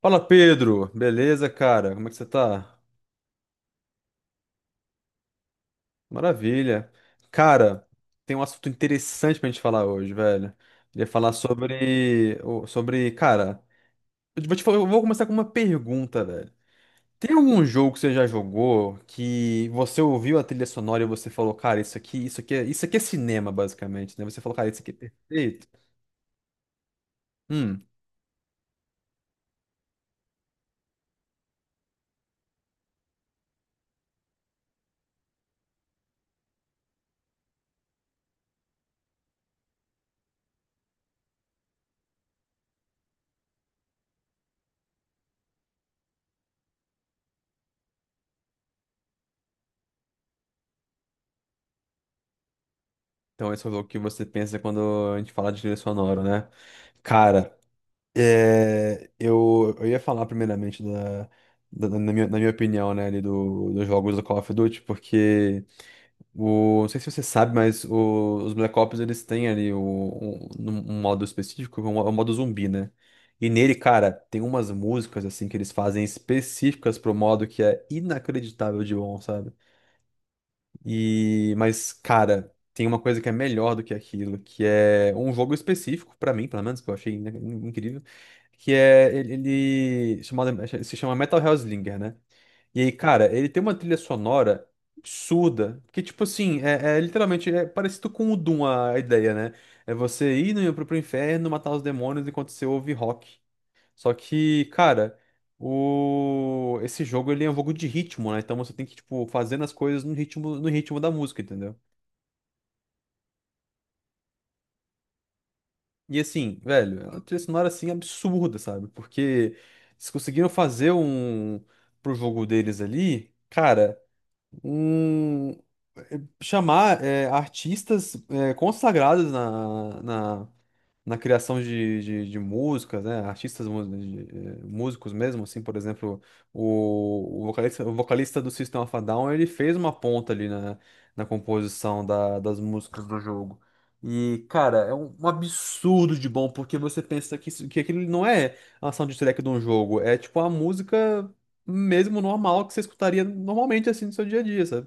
Fala, Pedro. Beleza, cara? Como é que você tá? Maravilha. Cara, tem um assunto interessante pra gente falar hoje, velho. Queria falar sobre, cara, eu vou começar com uma pergunta, velho. Tem algum jogo que você já jogou que você ouviu a trilha sonora e você falou, cara, isso aqui, isso aqui é cinema, basicamente, né? Você falou, cara, isso aqui é perfeito. Hum, então esse é o jogo que você pensa quando a gente fala de trilha sonora, né? Cara, é, eu ia falar primeiramente na na minha opinião, né, ali dos jogos do Call of Duty, porque não sei se você sabe, mas os Black Ops eles têm ali o, um, um um modo específico, que é o modo zumbi, né? E nele, cara, tem umas músicas assim que eles fazem específicas pro modo que é inacreditável de bom, sabe? E, mas, cara, tem uma coisa que é melhor do que aquilo, que é um jogo específico, pra mim, pelo menos, que eu achei incrível, que é se chama Metal Hellslinger, né? E aí, cara, ele tem uma trilha sonora absurda, que, tipo assim, é literalmente parecido com o Doom a ideia, né? É você ir no, pro, pro inferno, matar os demônios enquanto você ouve rock. Só que, cara, esse jogo ele é um jogo de ritmo, né? Então você tem que, tipo, fazendo as coisas no ritmo, no ritmo da música, entendeu? E assim, velho, é uma trilha sonora assim absurda, sabe? Porque eles conseguiram fazer pro jogo deles ali, cara, um chamar é, artistas é, consagrados na criação de músicas, né? Artistas, mu- de- eh, músicos mesmo, assim, por exemplo, o vocalista do System of a Down, ele fez uma ponta ali na, na composição das músicas do jogo. E, cara, é um absurdo de bom, porque você pensa que, que aquilo não é a soundtrack de um jogo, é tipo a música mesmo normal que você escutaria normalmente, assim, no seu dia a dia, sabe?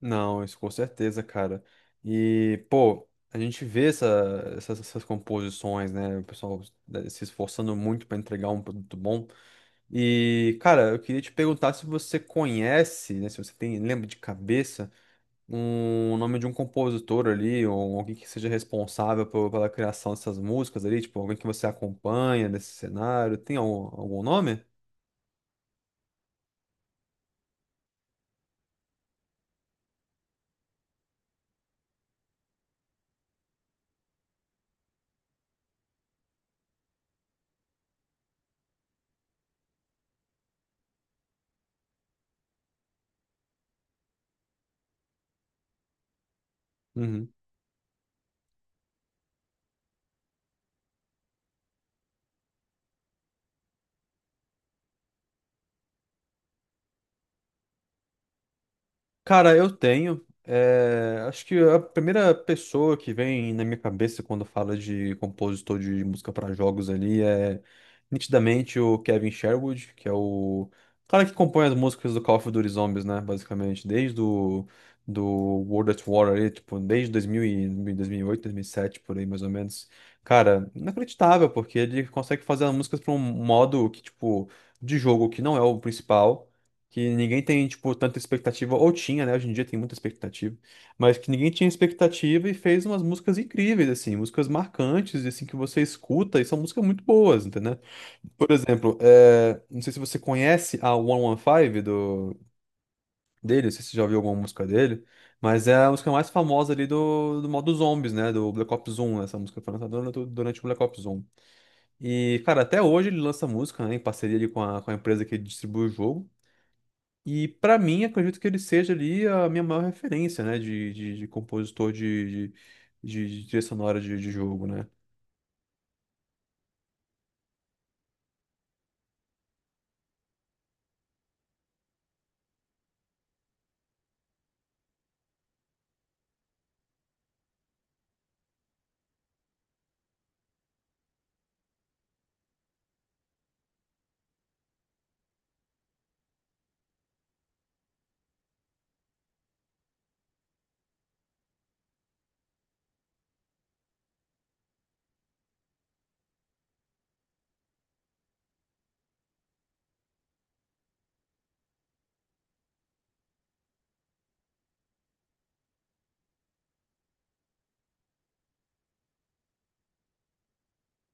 Não, isso com certeza, cara. E, pô, a gente vê essas composições, né? O pessoal, né, se esforçando muito para entregar um produto bom. E, cara, eu queria te perguntar se você conhece, né? Se você tem, lembra de cabeça, o nome de um compositor ali, ou alguém que seja responsável pela criação dessas músicas ali, tipo, alguém que você acompanha nesse cenário. Tem algum, algum nome? Uhum. Cara, eu tenho. Eh, acho que a primeira pessoa que vem na minha cabeça quando fala de compositor de música para jogos ali é nitidamente o Kevin Sherwood, que é o cara que compõe as músicas do Call of Duty Zombies, né? Basicamente, desde o do World at War ali, tipo, desde 2000 e dois dois mil mil e oito dois mil e sete por aí mais ou menos. Cara, inacreditável, porque ele consegue fazer as músicas para um modo que, tipo, de jogo que não é o principal, que ninguém tem, tipo, tanta expectativa, ou tinha, né? Hoje em dia tem muita expectativa, mas que ninguém tinha expectativa e fez umas músicas incríveis, assim, músicas marcantes, assim, que você escuta e são músicas muito boas, entendeu? Por exemplo, é, não sei se você conhece a 115 dele, não sei se você já ouviu alguma música dele, mas é a música mais famosa ali do modo Zombies, né? Do Black Ops 1, né? Essa música foi lançada durante o Black Ops 1. E, cara, até hoje ele lança música, né, em parceria ali com a empresa que distribui o jogo. E pra mim, acredito que ele seja ali a minha maior referência, né, de compositor de trilha sonora de jogo, né?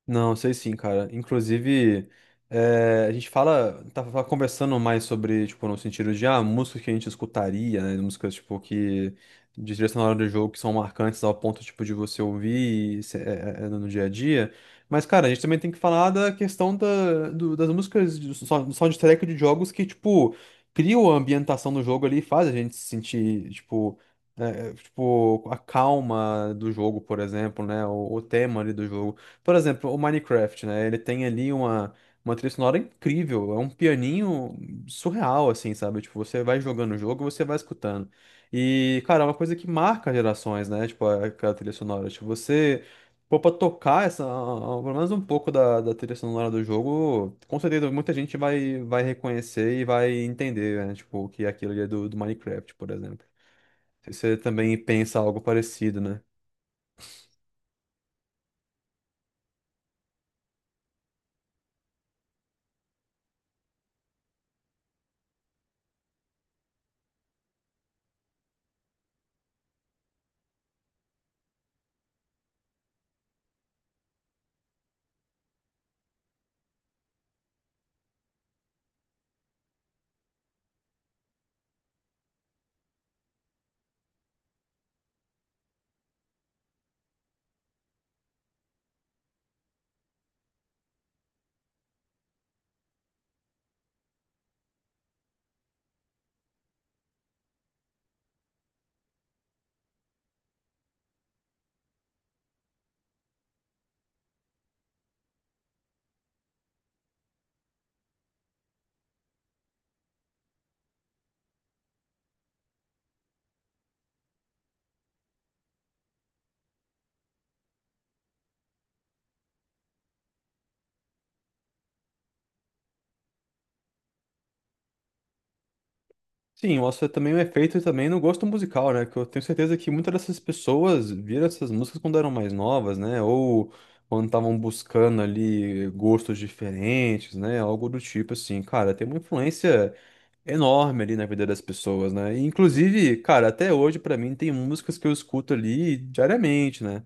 Não, sei sim, cara. Inclusive, eh, a gente fala, tava conversando mais sobre, tipo, no sentido de, ah, músicas que a gente escutaria, né? Músicas, tipo, que de trilha sonora do jogo que são marcantes ao ponto, tipo, de você ouvir no dia a dia. Mas, cara, a gente também tem que falar da questão das músicas de soundtrack de jogos que, tipo, criam a ambientação do jogo ali e faz a gente se sentir, tipo, tipo, a calma do jogo, por exemplo, né? O tema ali do jogo. Por exemplo, o Minecraft, né? Ele tem ali uma trilha sonora incrível, é um pianinho surreal, assim, sabe? Tipo, você vai jogando o jogo, você vai escutando. E, cara, é uma coisa que marca gerações, né? Tipo, aquela trilha sonora. Tipo, você, pô, pra tocar essa, pelo menos um pouco da trilha sonora do jogo, com certeza muita gente vai, vai reconhecer e vai entender, né? Tipo, que é aquilo ali é do Minecraft, por exemplo. Você também pensa algo parecido, né? Sim, eu acho que é também um efeito também no gosto musical, né? Que eu tenho certeza que muitas dessas pessoas viram essas músicas quando eram mais novas, né? Ou quando estavam buscando ali gostos diferentes, né? Algo do tipo assim. Cara, tem uma influência enorme ali na vida das pessoas, né? E, inclusive, cara, até hoje pra mim tem músicas que eu escuto ali diariamente, né?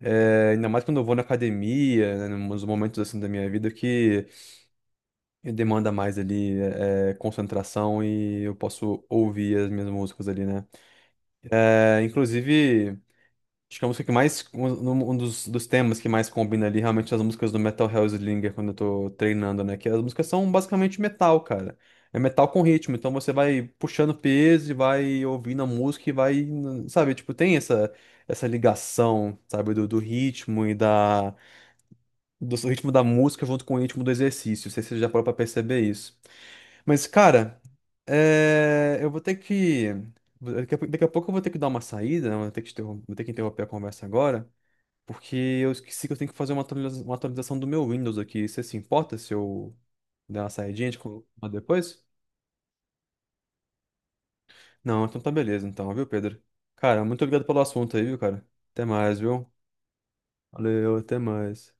É, ainda mais quando eu vou na academia, né, nos momentos assim da minha vida que e demanda mais ali é, é, concentração e eu posso ouvir as minhas músicas ali, né? É, inclusive, acho que a música que mais. Um dos temas que mais combina ali, realmente, são as músicas do Metal Hellslinger, quando eu tô treinando, né? Que as músicas são basicamente metal, cara. É metal com ritmo, então você vai puxando peso e vai ouvindo a música e vai. Sabe, tipo, essa ligação, sabe, do ritmo e da. Do ritmo da música junto com o ritmo do exercício. Não sei se você já parou pra perceber isso. Mas, cara, é, eu vou ter que. Daqui a pouco eu vou ter que dar uma saída, né? Vou ter que, vou ter que interromper a conversa agora, porque eu esqueci que eu tenho que fazer uma uma atualização do meu Windows aqui. Você se importa se eu der uma saidinha de depois? Não, então tá beleza, então, viu, Pedro? Cara, muito obrigado pelo assunto aí, viu, cara? Até mais, viu? Valeu, até mais.